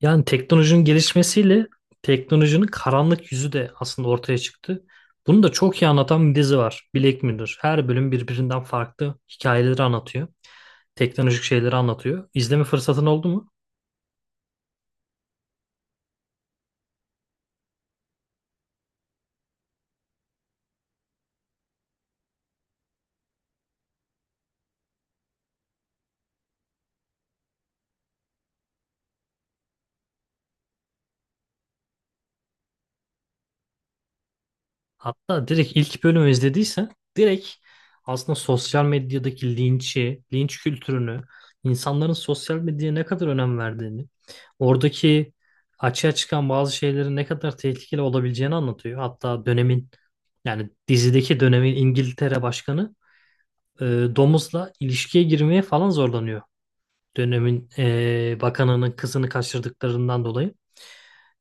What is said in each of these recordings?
Yani teknolojinin gelişmesiyle teknolojinin karanlık yüzü de aslında ortaya çıktı. Bunu da çok iyi anlatan bir dizi var: Black Mirror. Her bölüm birbirinden farklı hikayeleri anlatıyor. Teknolojik şeyleri anlatıyor. İzleme fırsatın oldu mu? Hatta direkt ilk bölümü izlediyse direkt aslında sosyal medyadaki linçi, linç kültürünü, insanların sosyal medyaya ne kadar önem verdiğini, oradaki açığa çıkan bazı şeylerin ne kadar tehlikeli olabileceğini anlatıyor. Hatta dönemin, yani dizideki dönemin İngiltere başkanı, e, domuzla ilişkiye girmeye falan zorlanıyor. Dönemin bakanının kızını kaçırdıklarından dolayı.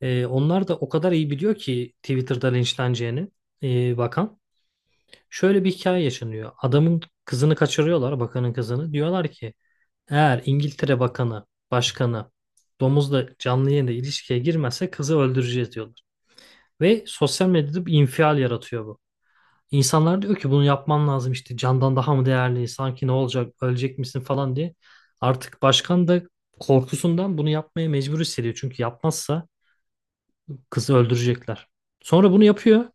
Onlar da o kadar iyi biliyor ki Twitter'da linçleneceğini, bakan. Şöyle bir hikaye yaşanıyor. Adamın kızını kaçırıyorlar, bakanın kızını. Diyorlar ki eğer İngiltere bakanı, başkanı domuzla canlı yayında ilişkiye girmezse kızı öldüreceğiz diyorlar. Ve sosyal medyada bir infial yaratıyor bu. İnsanlar diyor ki bunu yapman lazım işte, candan daha mı değerli, sanki ne olacak, ölecek misin falan diye. Artık başkan da korkusundan bunu yapmaya mecbur hissediyor. Çünkü yapmazsa kızı öldürecekler. Sonra bunu yapıyor.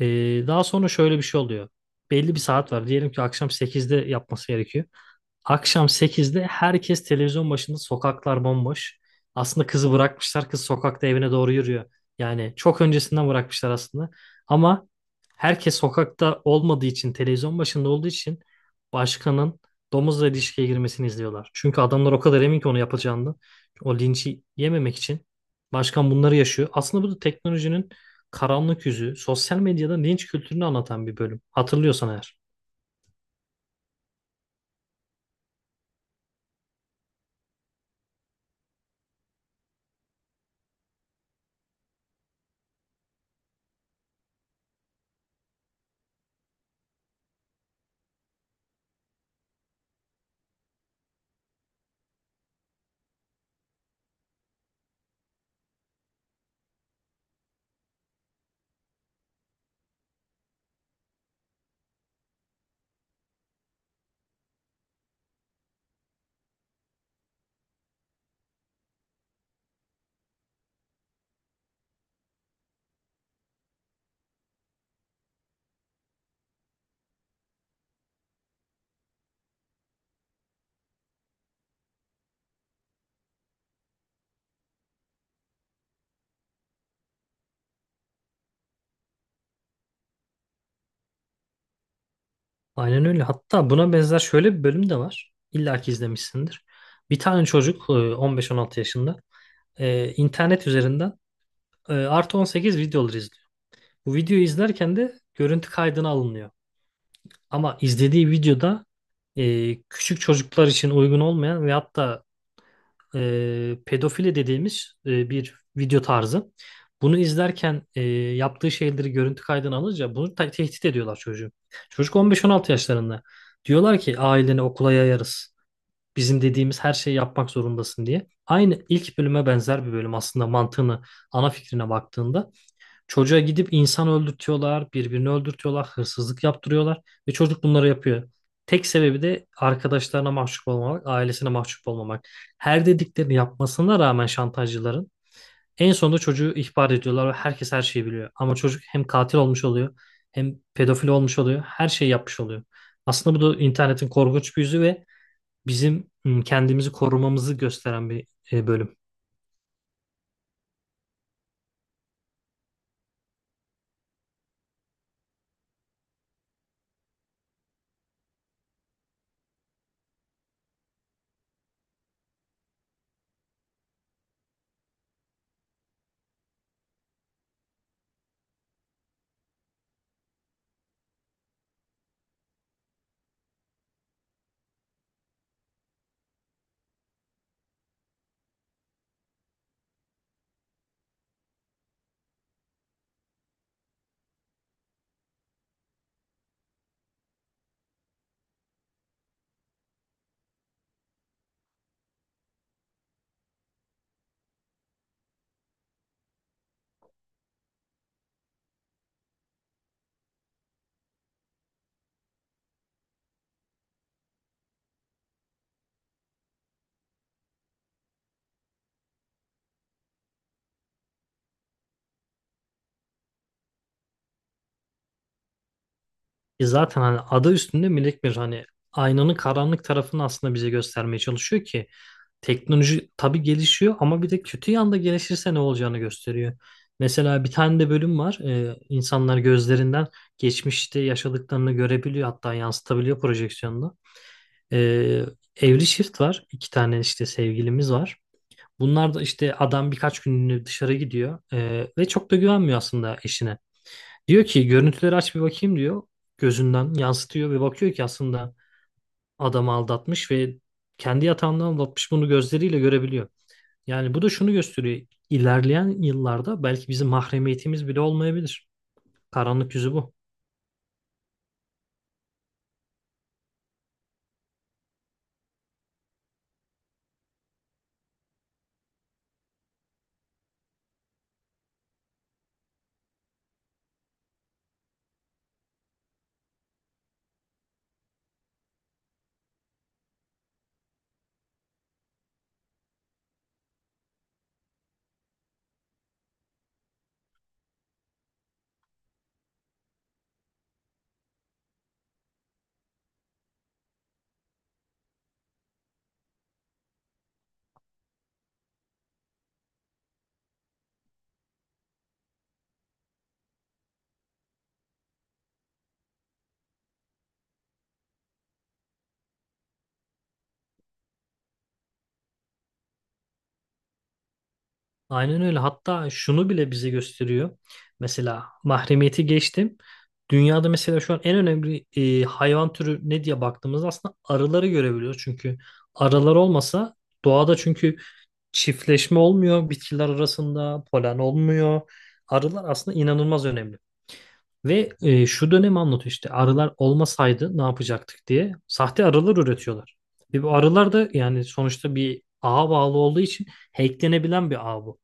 Daha sonra şöyle bir şey oluyor. Belli bir saat var. Diyelim ki akşam sekizde yapması gerekiyor. Akşam sekizde herkes televizyon başında, sokaklar bomboş. Aslında kızı bırakmışlar. Kız sokakta evine doğru yürüyor. Yani çok öncesinden bırakmışlar aslında. Ama herkes sokakta olmadığı için, televizyon başında olduğu için başkanın domuzla ilişkiye girmesini izliyorlar. Çünkü adamlar o kadar emin ki onu yapacağını. O linci yememek için başkan bunları yaşıyor. Aslında bu da teknolojinin karanlık yüzü, sosyal medyada linç kültürünü anlatan bir bölüm. Hatırlıyorsan eğer. Aynen öyle. Hatta buna benzer şöyle bir bölüm de var. İlla ki izlemişsindir. Bir tane çocuk, 15-16 yaşında, internet üzerinden artı 18 videoları izliyor. Bu videoyu izlerken de görüntü kaydına alınıyor. Ama izlediği videoda küçük çocuklar için uygun olmayan ve hatta pedofili dediğimiz bir video tarzı. Bunu izlerken yaptığı şeyleri görüntü kaydına alınca bunu tehdit ediyorlar çocuğu. Çocuk 15-16 yaşlarında. Diyorlar ki aileni okula yayarız. Bizim dediğimiz her şeyi yapmak zorundasın diye. Aynı ilk bölüme benzer bir bölüm aslında mantığını, ana fikrine baktığında. Çocuğa gidip insan öldürtüyorlar, birbirini öldürtüyorlar, hırsızlık yaptırıyorlar ve çocuk bunları yapıyor. Tek sebebi de arkadaşlarına mahcup olmamak, ailesine mahcup olmamak. Her dediklerini yapmasına rağmen şantajcıların en sonunda çocuğu ihbar ediyorlar ve herkes her şeyi biliyor. Ama çocuk hem katil olmuş oluyor, hem pedofil olmuş oluyor, her şeyi yapmış oluyor. Aslında bu da internetin korkunç bir yüzü ve bizim kendimizi korumamızı gösteren bir bölüm. E zaten hani adı üstünde melek bir, hani aynanın karanlık tarafını aslında bize göstermeye çalışıyor ki teknoloji tabii gelişiyor ama bir de kötü yanda gelişirse ne olacağını gösteriyor. Mesela bir tane de bölüm var. İnsanlar gözlerinden geçmişte yaşadıklarını görebiliyor, hatta yansıtabiliyor projeksiyonda. E, Evli çift var. İki tane işte sevgilimiz var. Bunlar da işte, adam birkaç günlüğüne dışarı gidiyor, ve çok da güvenmiyor aslında eşine. Diyor ki görüntüleri aç bir bakayım diyor. Gözünden yansıtıyor ve bakıyor ki aslında adamı aldatmış ve kendi yatağından aldatmış, bunu gözleriyle görebiliyor. Yani bu da şunu gösteriyor: İlerleyen yıllarda belki bizim mahremiyetimiz bile olmayabilir. Karanlık yüzü bu. Aynen öyle. Hatta şunu bile bize gösteriyor. Mesela mahremiyeti geçtim. Dünyada mesela şu an en önemli hayvan türü ne diye baktığımızda aslında arıları görebiliyoruz. Çünkü arılar olmasa doğada çünkü çiftleşme olmuyor bitkiler arasında, polen olmuyor. Arılar aslında inanılmaz önemli. Ve şu dönemi anlatıyor, işte arılar olmasaydı ne yapacaktık diye sahte arılar üretiyorlar. Ve bu arılar da yani sonuçta bir ağa bağlı olduğu için hacklenebilen bir ağ bu.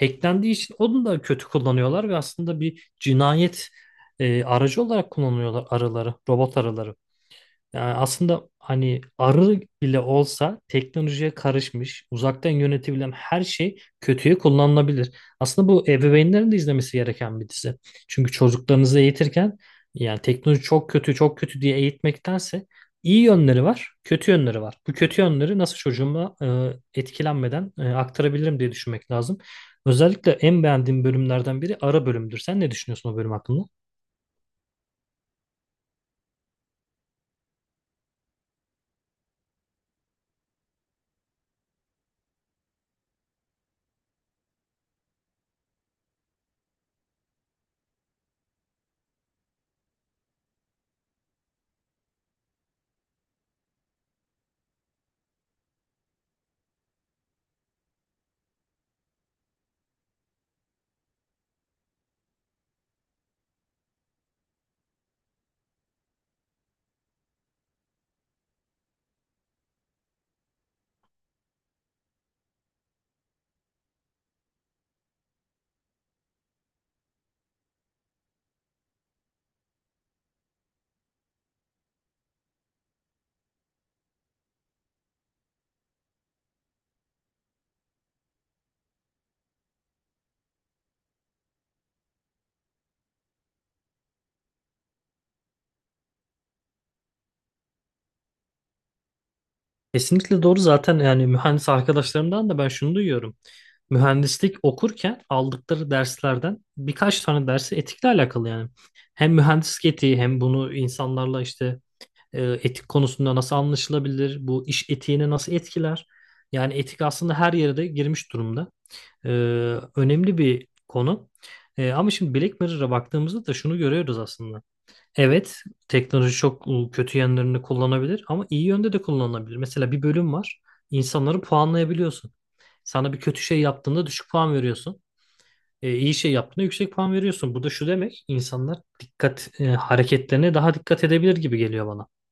Hacklendiği için onu da kötü kullanıyorlar ve aslında bir cinayet aracı olarak kullanıyorlar arıları, robot arıları. Yani aslında hani arı bile olsa teknolojiye karışmış, uzaktan yönetebilen her şey kötüye kullanılabilir. Aslında bu ebeveynlerin de izlemesi gereken bir dizi. Çünkü çocuklarınızı eğitirken yani teknoloji çok kötü, çok kötü diye eğitmektense iyi yönleri var, kötü yönleri var. Bu kötü yönleri nasıl çocuğuma etkilenmeden aktarabilirim diye düşünmek lazım. Özellikle en beğendiğim bölümlerden biri ara bölümdür. Sen ne düşünüyorsun o bölüm hakkında? Kesinlikle doğru. Zaten yani mühendis arkadaşlarımdan da ben şunu duyuyorum: mühendislik okurken aldıkları derslerden birkaç tane dersi etikle alakalı yani. Hem mühendislik etiği, hem bunu insanlarla işte etik konusunda nasıl anlaşılabilir, bu iş etiğini nasıl etkiler. Yani etik aslında her yere de girmiş durumda. E, Önemli bir konu. Ama şimdi Black Mirror'a baktığımızda da şunu görüyoruz aslında. Evet, teknoloji çok kötü yönlerini kullanabilir ama iyi yönde de kullanılabilir. Mesela bir bölüm var. İnsanları puanlayabiliyorsun. Sana bir kötü şey yaptığında düşük puan veriyorsun. İyi şey yaptığında yüksek puan veriyorsun. Bu da şu demek, insanlar hareketlerine daha dikkat edebilir gibi geliyor bana.